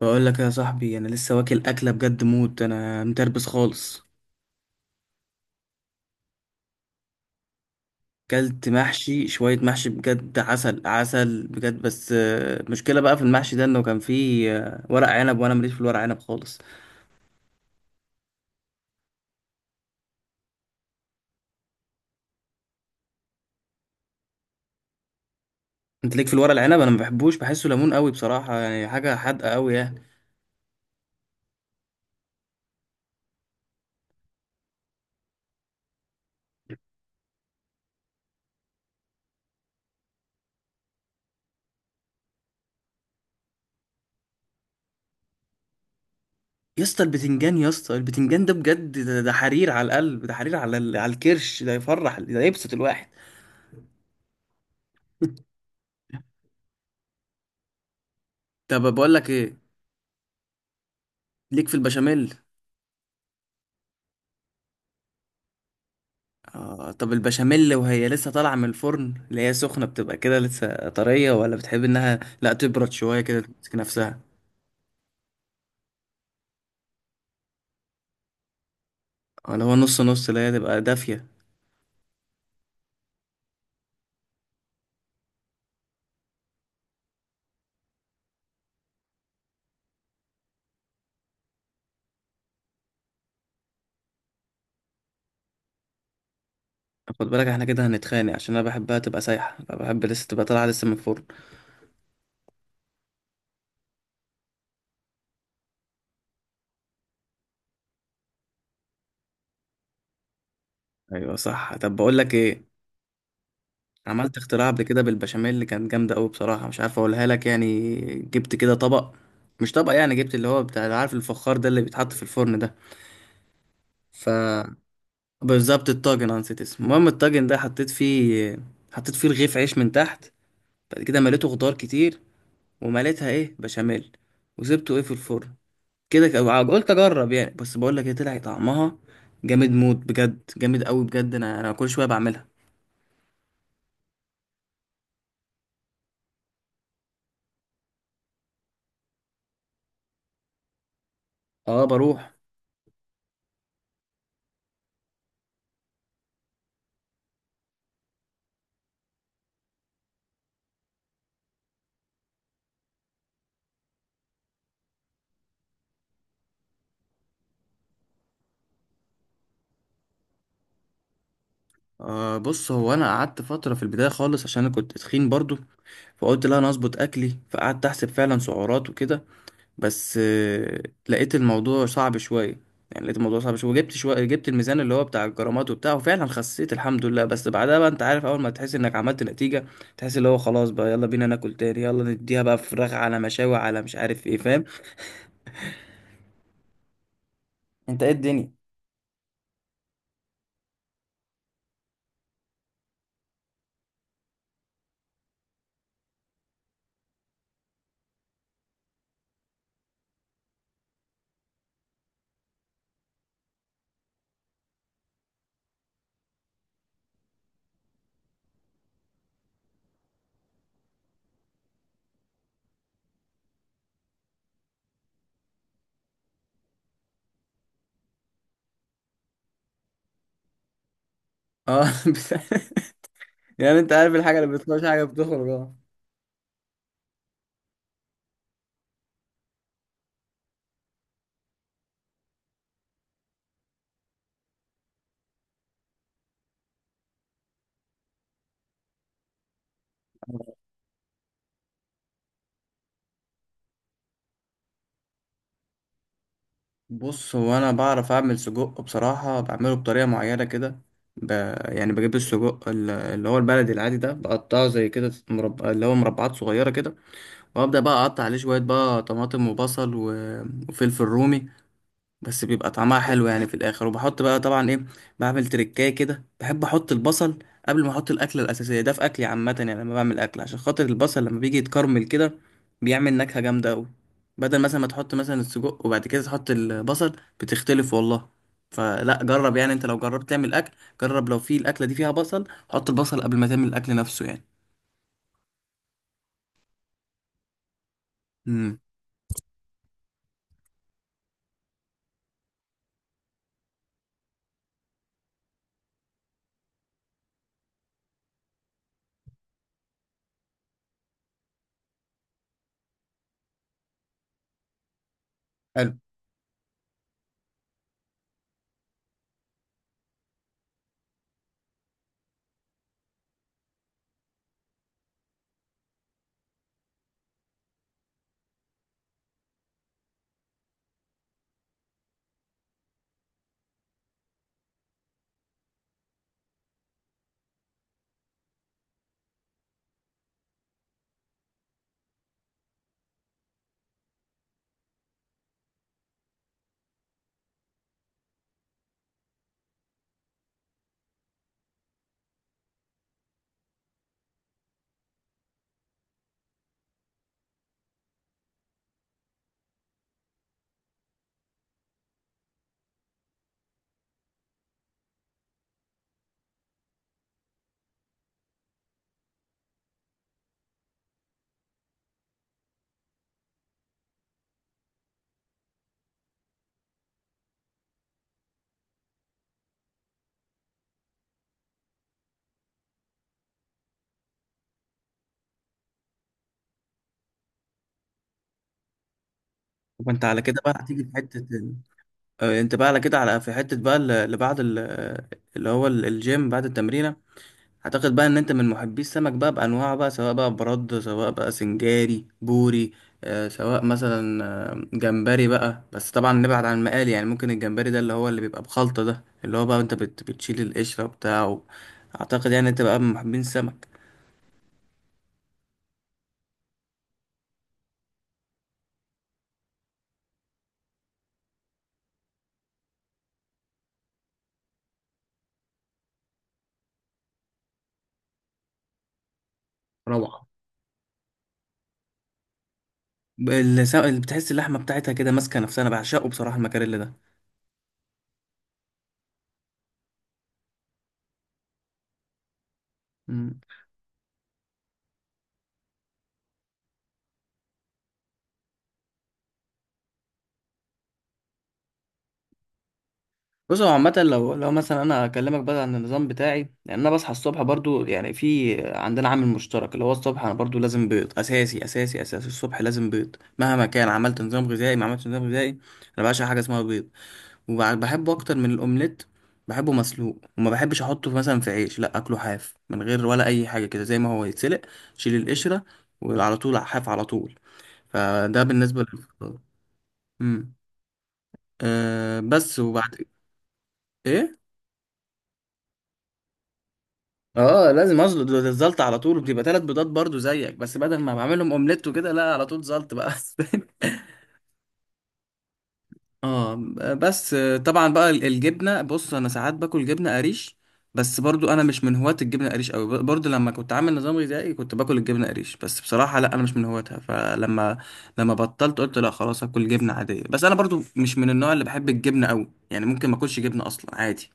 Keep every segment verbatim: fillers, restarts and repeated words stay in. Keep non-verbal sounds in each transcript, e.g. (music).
بقول لك يا صاحبي، انا لسه واكل اكله بجد موت، انا متربس خالص. كلت محشي، شويه محشي، بجد عسل عسل بجد. بس آه، المشكله بقى في المحشي ده انه كان فيه آه، ورق عنب، وانا ماليش في الورق عنب خالص. انت ليك في الورق العنب، انا ما بحبوش، بحسه ليمون قوي بصراحه يعني، حاجه حادقه قوي يعني. يا اسطى البتنجان، يا اسطى البتنجان ده بجد، ده, ده حرير على القلب، ده حرير على ال- على الكرش، ده يفرح، ده يبسط الواحد (laughs) طب بقول لك ايه، ليك في البشاميل؟ آه، طب البشاميل وهي لسه طالعة من الفرن اللي هي سخنة بتبقى كده لسه طرية، ولا بتحب انها لا تبرد شوية كده تمسك نفسها، ولا هو نص نص اللي هي تبقى دافية؟ خد بالك احنا كده هنتخانق، عشان انا بحبها تبقى سايحة، بحب لسه تبقى طالعة لسه من الفرن. ايوه صح. طب بقول لك ايه، عملت اختراع قبل كده بالبشاميل اللي كانت جامدة قوي، بصراحة مش عارف اقولها لك. يعني جبت كده طبق، مش طبق يعني، جبت اللي هو بتاع، عارف الفخار ده اللي بيتحط في الفرن ده؟ ف بالظبط الطاجن، انا نسيت اسمه. المهم الطاجن ده حطيت فيه، حطيت فيه رغيف عيش من تحت، بعد كده مليته خضار كتير، ومليتها ايه، بشاميل، وسبته ايه، في الفرن كده. ك- قلت اجرب يعني. بس بقول لك ايه، طلع طعمها جامد موت بجد، جامد قوي بجد. انا انا كل شويه بعملها. اه بروح. آه بص، هو انا قعدت فتره في البدايه خالص عشان انا كنت تخين برضو، فقلت لا، انا اظبط اكلي، فقعدت احسب فعلا سعرات وكده. بس آه، لقيت الموضوع صعب شوية. يعني لقيت الموضوع صعب شوية، وجبت شوية، جبت الميزان اللي هو بتاع الجرامات وبتاع، وفعلا خسيت الحمد لله. بس بعدها بقى، انت عارف اول ما تحس انك عملت نتيجة، تحس اللي هو خلاص بقى، يلا بينا ناكل تاني، يلا نديها بقى فراخ على مشاوي على مش عارف ايه، فاهم؟ انت ايه الدنيا؟ اه (laughs) بس- يعني انت عارف الحاجة اللي بتخش حاجة بتخرج، اه. بص هو انا بعرف اعمل سجق بصراحة، بعمله بطريقة معينة كده. ب... يعني بجيب السجق ال- اللي هو البلدي العادي ده، بقطعه زي كده مرب... اللي هو مربعات صغيرة كده، وابدا بقى اقطع عليه شويه بقى طماطم وبصل و- وفلفل رومي. بس بيبقى طعمها حلو يعني في الاخر. وبحط بقى طبعا ايه، بعمل تريكايه كده، بحب احط البصل قبل ما احط الاكله الاساسيه ده في اكلي عامه يعني. لما بعمل اكل عشان خاطر البصل، لما بيجي يتكرمل كده بيعمل نكهه جامده قوي، بدل مثلا ما تحط مثلا السجق وبعد كده تحط البصل، بتختلف والله. فلا جرب يعني، انت لو جربت تعمل اكل، جرب لو في الاكله دي فيها بصل، حط البصل قبل ما تعمل الاكل نفسه يعني. امم، حلو. وانت على كده بقى هتيجي في حته. آه، انت بقى على كده، على في حتة بقى ال- اللي بعد ال- اللي هو ال- الجيم بعد التمرينة، اعتقد بقى ان انت من محبي السمك بقى بانواعه بقى، سواء بقى برد، سواء بقى سنجاري، بوري، آه، سواء مثلا آه، جمبري بقى. بس طبعا نبعد عن المقالي يعني، ممكن الجمبري ده اللي هو اللي بيبقى بخلطة ده، اللي هو بقى انت بت- بتشيل القشرة بتاعه. اعتقد يعني انت بقى من محبين السمك. روعة. الس- اللي بتحس اللحمة بتاعتها كده ماسكة نفسها، انا بعشقه بصراحة المكاريلي ده. بص هو عامة، لو لو مثلا أنا أكلمك بقى عن النظام بتاعي، لأن أنا بصحى الصبح برضو، يعني في عندنا عامل مشترك اللي هو الصبح، أنا برضو لازم بيض، أساسي أساسي أساسي، الصبح لازم بيض، مهما كان عملت نظام غذائي ما عملتش نظام غذائي. أنا بعشق حاجة اسمها بيض، وبحبه أكتر من الأومليت، بحبه مسلوق، وما بحبش أحطه مثلا في عيش، لأ، أكله حاف من غير ولا أي حاجة كده، زي ما هو يتسلق، شيل القشرة، وعلى طول حاف على طول. فده بالنسبة للفطار. أمم. أه بس وبعد إيه؟ اه، لازم اظبط الزلط على طول، بتبقى ثلاث بيضات برضو زيك، بس بدل ما بعملهم اومليت وكده لا، على طول زلط بقى (laughs) اه. بس آه، طبعا بقى ال- الجبنه، بص انا ساعات باكل جبنه قريش. بس برضو انا مش من هواة الجبنه قريش قوي. ب- برضو لما كنت عامل نظام غذائي كنت باكل الجبنه قريش. بس بصراحه لا، انا مش من هواتها. فلما لما بطلت قلت لا، خلاص اكل جبنه عاديه. بس انا برضو مش من النوع اللي بحب الجبنه قوي يعني، ممكن ما اكلش جبنه اصلا عادي.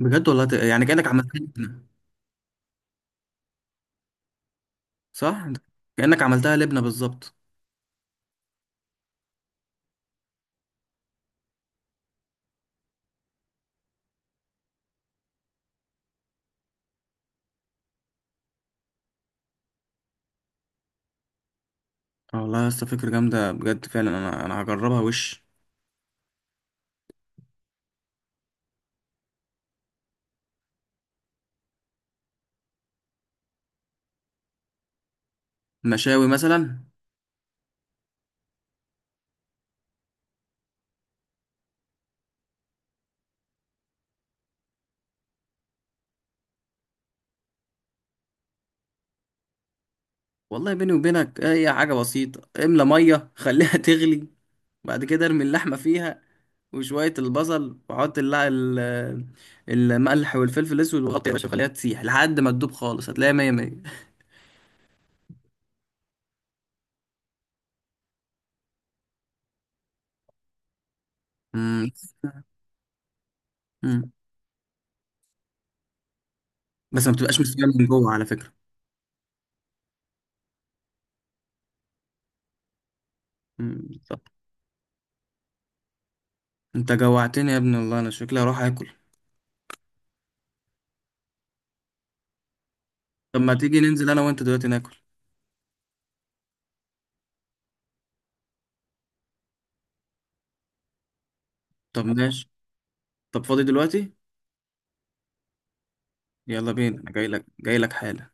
بجد والله ت- يعني كانك عملتها لبنه. صح، كانك عملتها لبنه بالظبط. آه، والله يا اسطى فكرة جامدة بجد فعلا، انا انا هجربها وش. مشاوي مثلا. والله بيني وبينك هي حاجة بسيطة، املى مية، خليها (laughs) تغلي، بعد كده ارمي اللحمة فيها، وشوية البصل، وحط اللع... ال- الملح والفلفل الأسود وغطي يا باشا، خليها تسيح لحد ما تدوب خالص، هتلاقيها مية مية. مم. مم. بس ما بتبقاش مستوية من جوه على فكرة. مم. بالظبط. انت جوعتني يا ابن الله، انا شكلي هروح اكل. طب ما تيجي ننزل انا وانت دلوقتي ناكل؟ طب ماشي. طب فاضي دلوقتي؟ يلا بينا، انا جاي لك جاي لك حالا.